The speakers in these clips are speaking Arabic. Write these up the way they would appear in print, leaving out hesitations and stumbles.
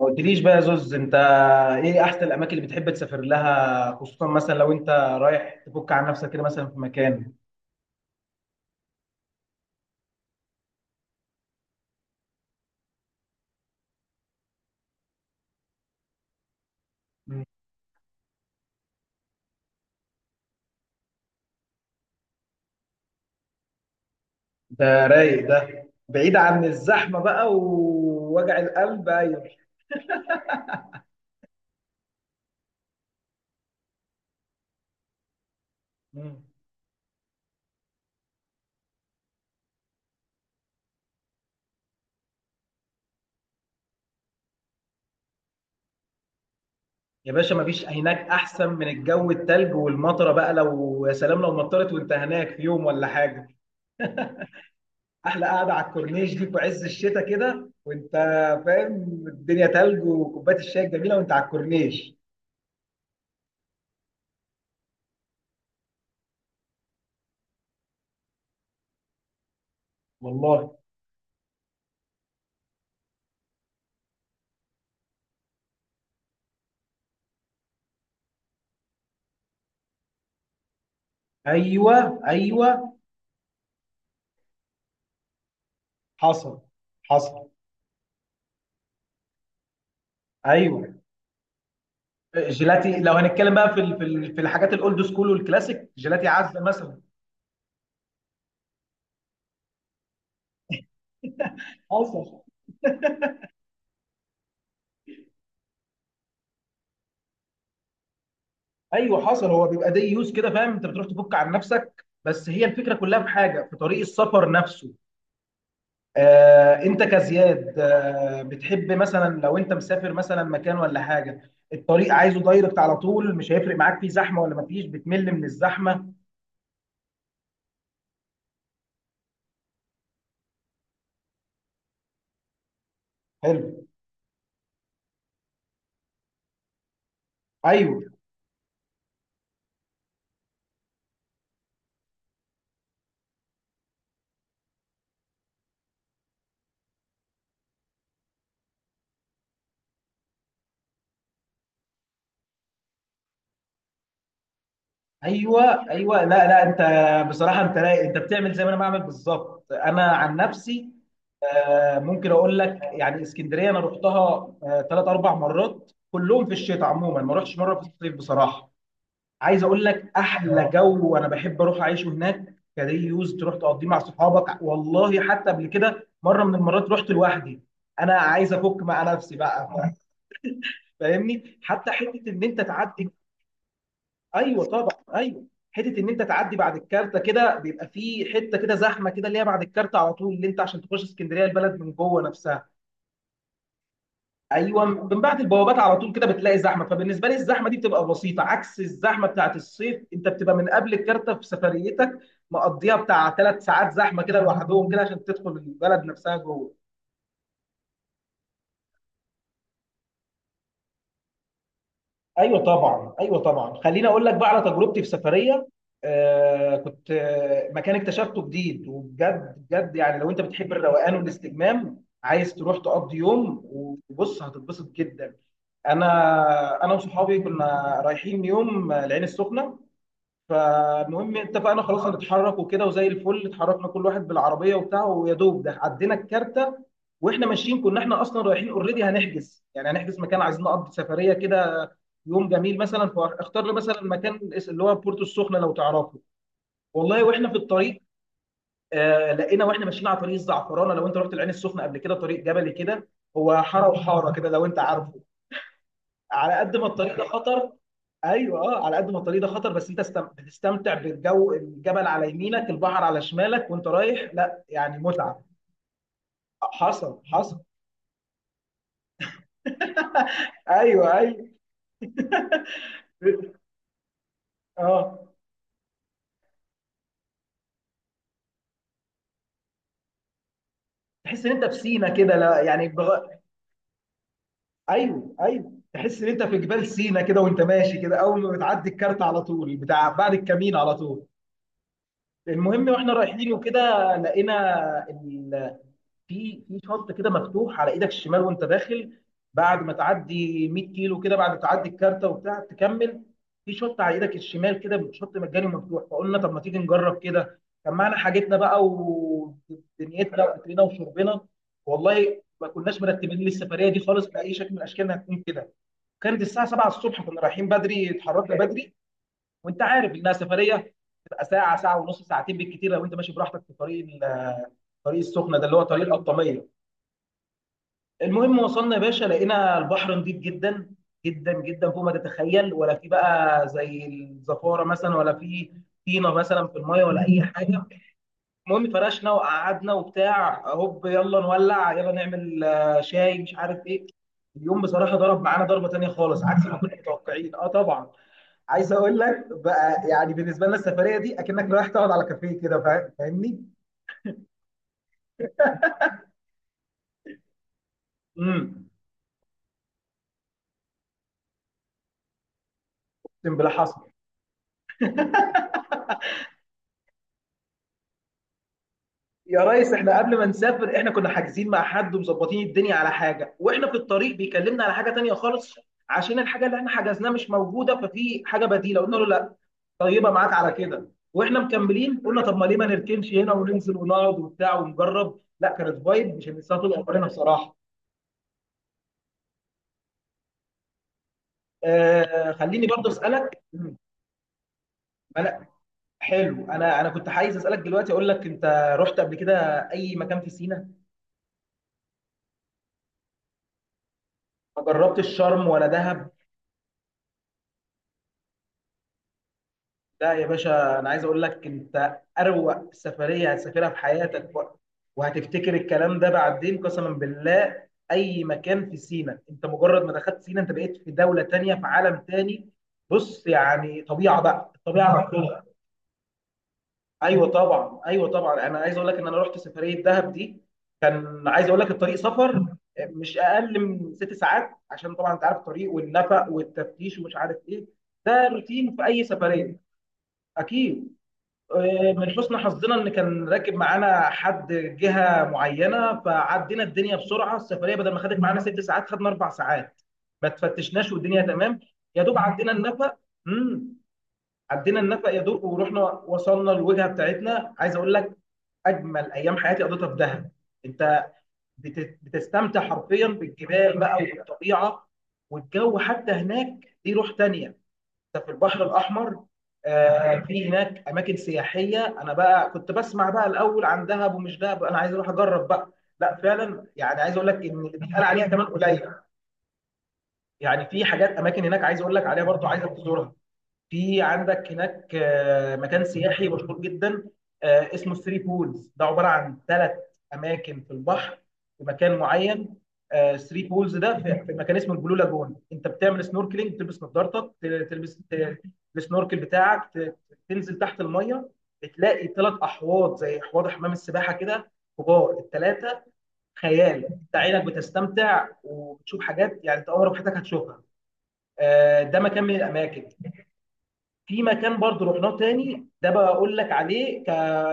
ما قلتليش بقى يا زوز انت، ايه احسن الاماكن اللي بتحب تسافر لها؟ خصوصا مثلا لو انت رايح تفك عن نفسك كده مثلا في مكان. مم. ده رايق، ده بعيد عن الزحمه بقى ووجع القلب. ايوه. مم. يا باشا، مفيش هناك احسن من الجو التلج والمطره بقى. لو يا سلام لو مطرت وانت هناك في يوم ولا حاجه. احلى قاعده على الكورنيش دي في عز الشتاء كده، وانت فاهم الدنيا تلج وكوبايه الشاي الجميله وانت على الكورنيش. والله. ايوه، ايوه. حصل، حصل. ايوه. جيلاتي، لو هنتكلم بقى في الحاجات الاولد سكول والكلاسيك، جيلاتي عزه مثلا. حصل. ايوه، حصل. هو بيبقى دي يوز كده، فاهم؟ انت بتروح تفك عن نفسك، بس هي الفكره كلها في حاجه، في طريق السفر نفسه. انت كزياد؟ بتحب مثلا لو انت مسافر مثلا مكان ولا حاجه، الطريق عايزه دايركت على طول، مش هيفرق معاك فيه زحمه ولا مفيش، بتمل من الزحمه؟ حلو. ايوه، ايوه، ايوه. لا لا، انت بصراحه، انت، لا انت بتعمل زي ما انا بعمل بالظبط. انا عن نفسي، ممكن اقول لك؟ يعني اسكندريه انا رحتها 3 4 مرات، كلهم في الشتاء. عموما ما رحتش مره في الصيف بصراحه. عايز اقول لك احلى جو، وانا بحب اروح اعيشه هناك كدي يوز تروح تقضيه مع صحابك. والله حتى قبل كده، مره من المرات، رحت لوحدي. انا عايز افك مع نفسي بقى. فاهمني؟ حتى حته ان انت تعدي. ايوه طبعا. ايوه. حته ان انت تعدي بعد الكارته كده، بيبقى في حته كده زحمه كده، اللي هي بعد الكارته على طول، اللي انت عشان تخش اسكندريه البلد من جوه نفسها. ايوه، من بعد البوابات على طول كده بتلاقي زحمه. فبالنسبه لي الزحمه دي بتبقى بسيطه، عكس الزحمه بتاعت الصيف. انت بتبقى من قبل الكارته في سفريتك، مقضيها بتاع 3 ساعات زحمه كده لوحدهم كده عشان تدخل البلد نفسها جوه. ايوه طبعا، ايوه طبعا. خليني اقول لك بقى على تجربتي في سفريه. كنت مكان اكتشفته جديد، وبجد بجد، يعني لو انت بتحب الروقان والاستجمام، عايز تروح تقضي يوم، وبص هتتبسط جدا. انا وصحابي كنا رايحين يوم، العين السخنه. فالمهم اتفقنا خلاص هنتحرك وكده، وزي الفل اتحركنا كل واحد بالعربيه وبتاعه. ويا دوب ده عدينا الكارته، واحنا ماشيين كنا احنا اصلا رايحين اوريدي، هنحجز يعني هنحجز مكان، عايزين نقضي سفريه كده، يوم جميل مثلا. فاختار له مثلا مكان، اللي هو بورتو السخنه، لو تعرفه. والله واحنا في الطريق، لقينا واحنا ماشيين على طريق الزعفرانه. لو انت رحت العين السخنه قبل كده، طريق جبلي كده، هو حاره وحاره كده لو انت عارفه. على قد ما الطريق ده خطر، ايوه اه، على قد ما الطريق ده خطر، بس انت بتستمتع بالجو، الجبل على يمينك، البحر على شمالك وانت رايح. لا يعني متعه. حصل، حصل. ايوه، ايوه، اه. تحس ان انت في سينا كده، لا يعني. ايوه، ايوه، تحس ان انت في جبال سينا كده، وانت ماشي كده اول ما بتعدي الكارت على طول بتاع، بعد الكمين على طول. المهم واحنا رايحين وكده لقينا، ال... في شط كده مفتوح على ايدك الشمال وانت داخل، بعد ما تعدي 100 كيلو كده، بعد ما تعدي الكارتة وبتاع تكمل، في شط على ايدك الشمال كده، شط مجاني ومفتوح. فقلنا طب ما تيجي نجرب كده. كان معانا حاجتنا بقى ودنيتنا واكلنا وشربنا. والله ما كناش مرتبين للسفريه دي خالص باي شكل من الاشكال انها تكون كده. كانت الساعه 7 الصبح، كنا رايحين بدري، اتحركنا بدري. وانت عارف انها سفريه تبقى ساعه، ساعه ونص، ساعتين بالكتير لو انت ماشي براحتك في الطريق السخنه ده اللي هو طريق القطاميه. المهم وصلنا يا باشا، لقينا البحر نضيف جدا، جدا جدا، فوق ما تتخيل. ولا في بقى زي الزفاره مثلا، ولا في طينه مثلا في الميه، ولا اي حاجه. المهم فرشنا وقعدنا وبتاع، هوب يلا نولع، يلا نعمل شاي، مش عارف ايه. اليوم بصراحه ضرب معانا ضربه تانيه خالص، عكس ما كنا متوقعين. اه طبعا. عايز اقول لك بقى، يعني بالنسبه لنا السفريه دي اكنك رايح تقعد على كافيه كده. فاهمني؟ امم. اقسم بالله. حصل. يا ريس احنا قبل ما نسافر احنا كنا حاجزين مع حد ومظبطين الدنيا على حاجه، واحنا في الطريق بيكلمنا على حاجه تانية خالص، عشان الحاجه اللي احنا حجزناها مش موجوده. ففي حاجه بديله قلنا له لا، طيبه معاك على كده. واحنا مكملين قلنا طب ما ليه ما نركنش هنا وننزل ونقعد وبتاع ونجرب. لا، كانت فايب مش هننساها طول عمرنا بصراحه. خليني برضه اسالك. حلو، انا كنت عايز اسالك دلوقتي. اقول لك، انت رحت قبل كده اي مكان في سينا؟ ما جربتش شرم ولا دهب؟ لا يا باشا، انا عايز اقول لك، انت اروق سفريه هتسافرها في حياتك، وهتفتكر الكلام ده بعدين قسما بالله. اي مكان في سينا، انت مجرد ما دخلت سينا انت بقيت في دوله تانية، في عالم تاني. بص يعني، طبيعه بقى الطبيعه مفهومة. ايوه طبعا، ايوه طبعا. انا عايز اقول لك ان انا رحت سفريه دهب دي، كان عايز اقول لك الطريق سفر، مش اقل من 6 ساعات عشان طبعا انت عارف الطريق والنفق والتفتيش ومش عارف ايه. ده روتين في اي سفريه، اكيد. من حسن حظنا ان كان راكب معانا حد جهه معينه، فعدينا الدنيا بسرعه. السفريه بدل ما خدت معانا 6 ساعات، خدنا 4 ساعات، ما تفتشناش والدنيا تمام. يا دوب عدينا النفق. امم. عدينا النفق يا دوب، ورحنا وصلنا الوجهه بتاعتنا. عايز اقول لك، اجمل ايام حياتي قضيتها في دهب. انت بتستمتع حرفيا بالجبال بقى وبالطبيعه، والجو حتى هناك دي روح تانية، انت في البحر الاحمر. في هناك اماكن سياحيه. انا بقى كنت بسمع بقى الاول عن دهب، ومش دهب، انا عايز اروح اجرب بقى. لا فعلا، يعني عايز اقول لك ان اللي بيتقال عليها كمان قليل. يعني في حاجات اماكن هناك عايز اقول لك عليها برضو، عايزك تزورها. في عندك هناك مكان سياحي مشهور جدا، اسمه ثري بولز. ده عباره عن 3 اماكن في البحر، في مكان معين. ثري بولز ده في مكان اسمه البلو لاجون. انت بتعمل سنوركلينج، بتلبس نظارتك، تلبس، السنوركل بتاعك، تنزل تحت الميه، بتلاقي 3 احواض زي حوض حمام السباحه كده، كبار الثلاثه. خيال. انت عينك بتستمتع وبتشوف حاجات يعني انت عمرك في حياتك هتشوفها. ده مكان من الاماكن. في مكان برضو رحناه تاني، ده بقى اقول لك عليه ك،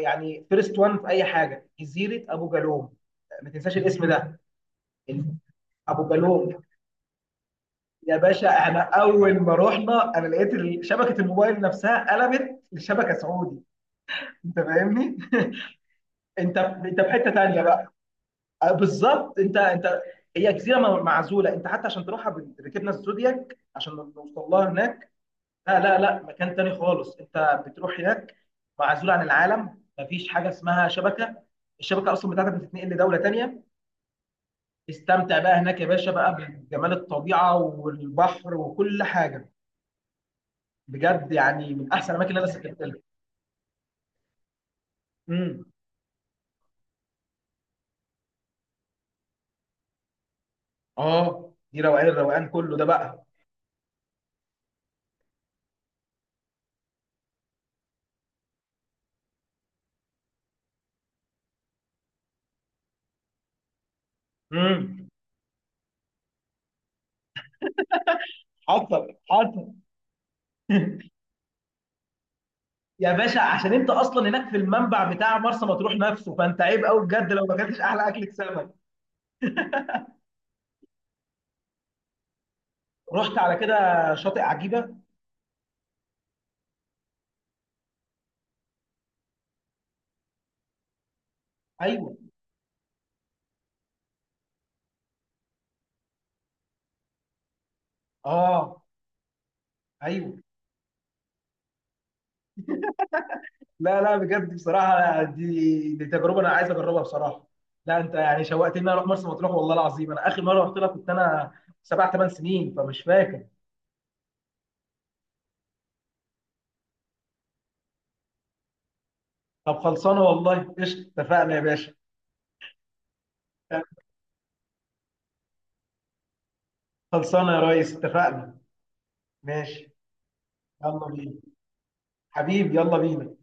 يعني فيرست وان في اي حاجه، جزيره ابو جالوم. ما تنساش الاسم ده. ابو جالوم. يا باشا احنا اول ما رحنا انا لقيت شبكه الموبايل نفسها قلبت لشبكه سعودي. انت فاهمني؟ انت في حته تانيه بقى. أه بالظبط، انت. هي جزيره معزوله. انت حتى عشان تروحها ركبنا الزودياك عشان نوصل لها هناك. لا لا لا، مكان تاني خالص انت بتروح هناك، معزول عن العالم، مفيش حاجه اسمها شبكه، الشبكه اصلا بتاعتك بتتنقل لدوله تانيه. استمتع بقى هناك يا باشا بقى بجمال الطبيعه والبحر وكل حاجه. بجد يعني من احسن الاماكن اللي انا سافرت لها. امم. اه، دي روقان الروقان كله ده بقى. امم. حصل، حصل. يا باشا عشان انت اصلا هناك في المنبع بتاع مرسى مطروح نفسه، فانت عيب قوي بجد لو ما كنتش احلى اكلة سمك. رحت على كده شاطئ عجيبه؟ ايوه اه، ايوه. لا لا، بجد بصراحه، لا، دي تجربه انا عايز اجربها بصراحه. لا انت يعني شوقتني اروح مرسى مطروح، والله العظيم انا اخر مره رحت لها كنت انا 7 8 سنين فمش فاكر. طب خلصانه والله، قشطه، اتفقنا يا باشا. خلصانه يا ريس، اتفقنا. ماشي. يلا بينا. حبيبي يلا بينا.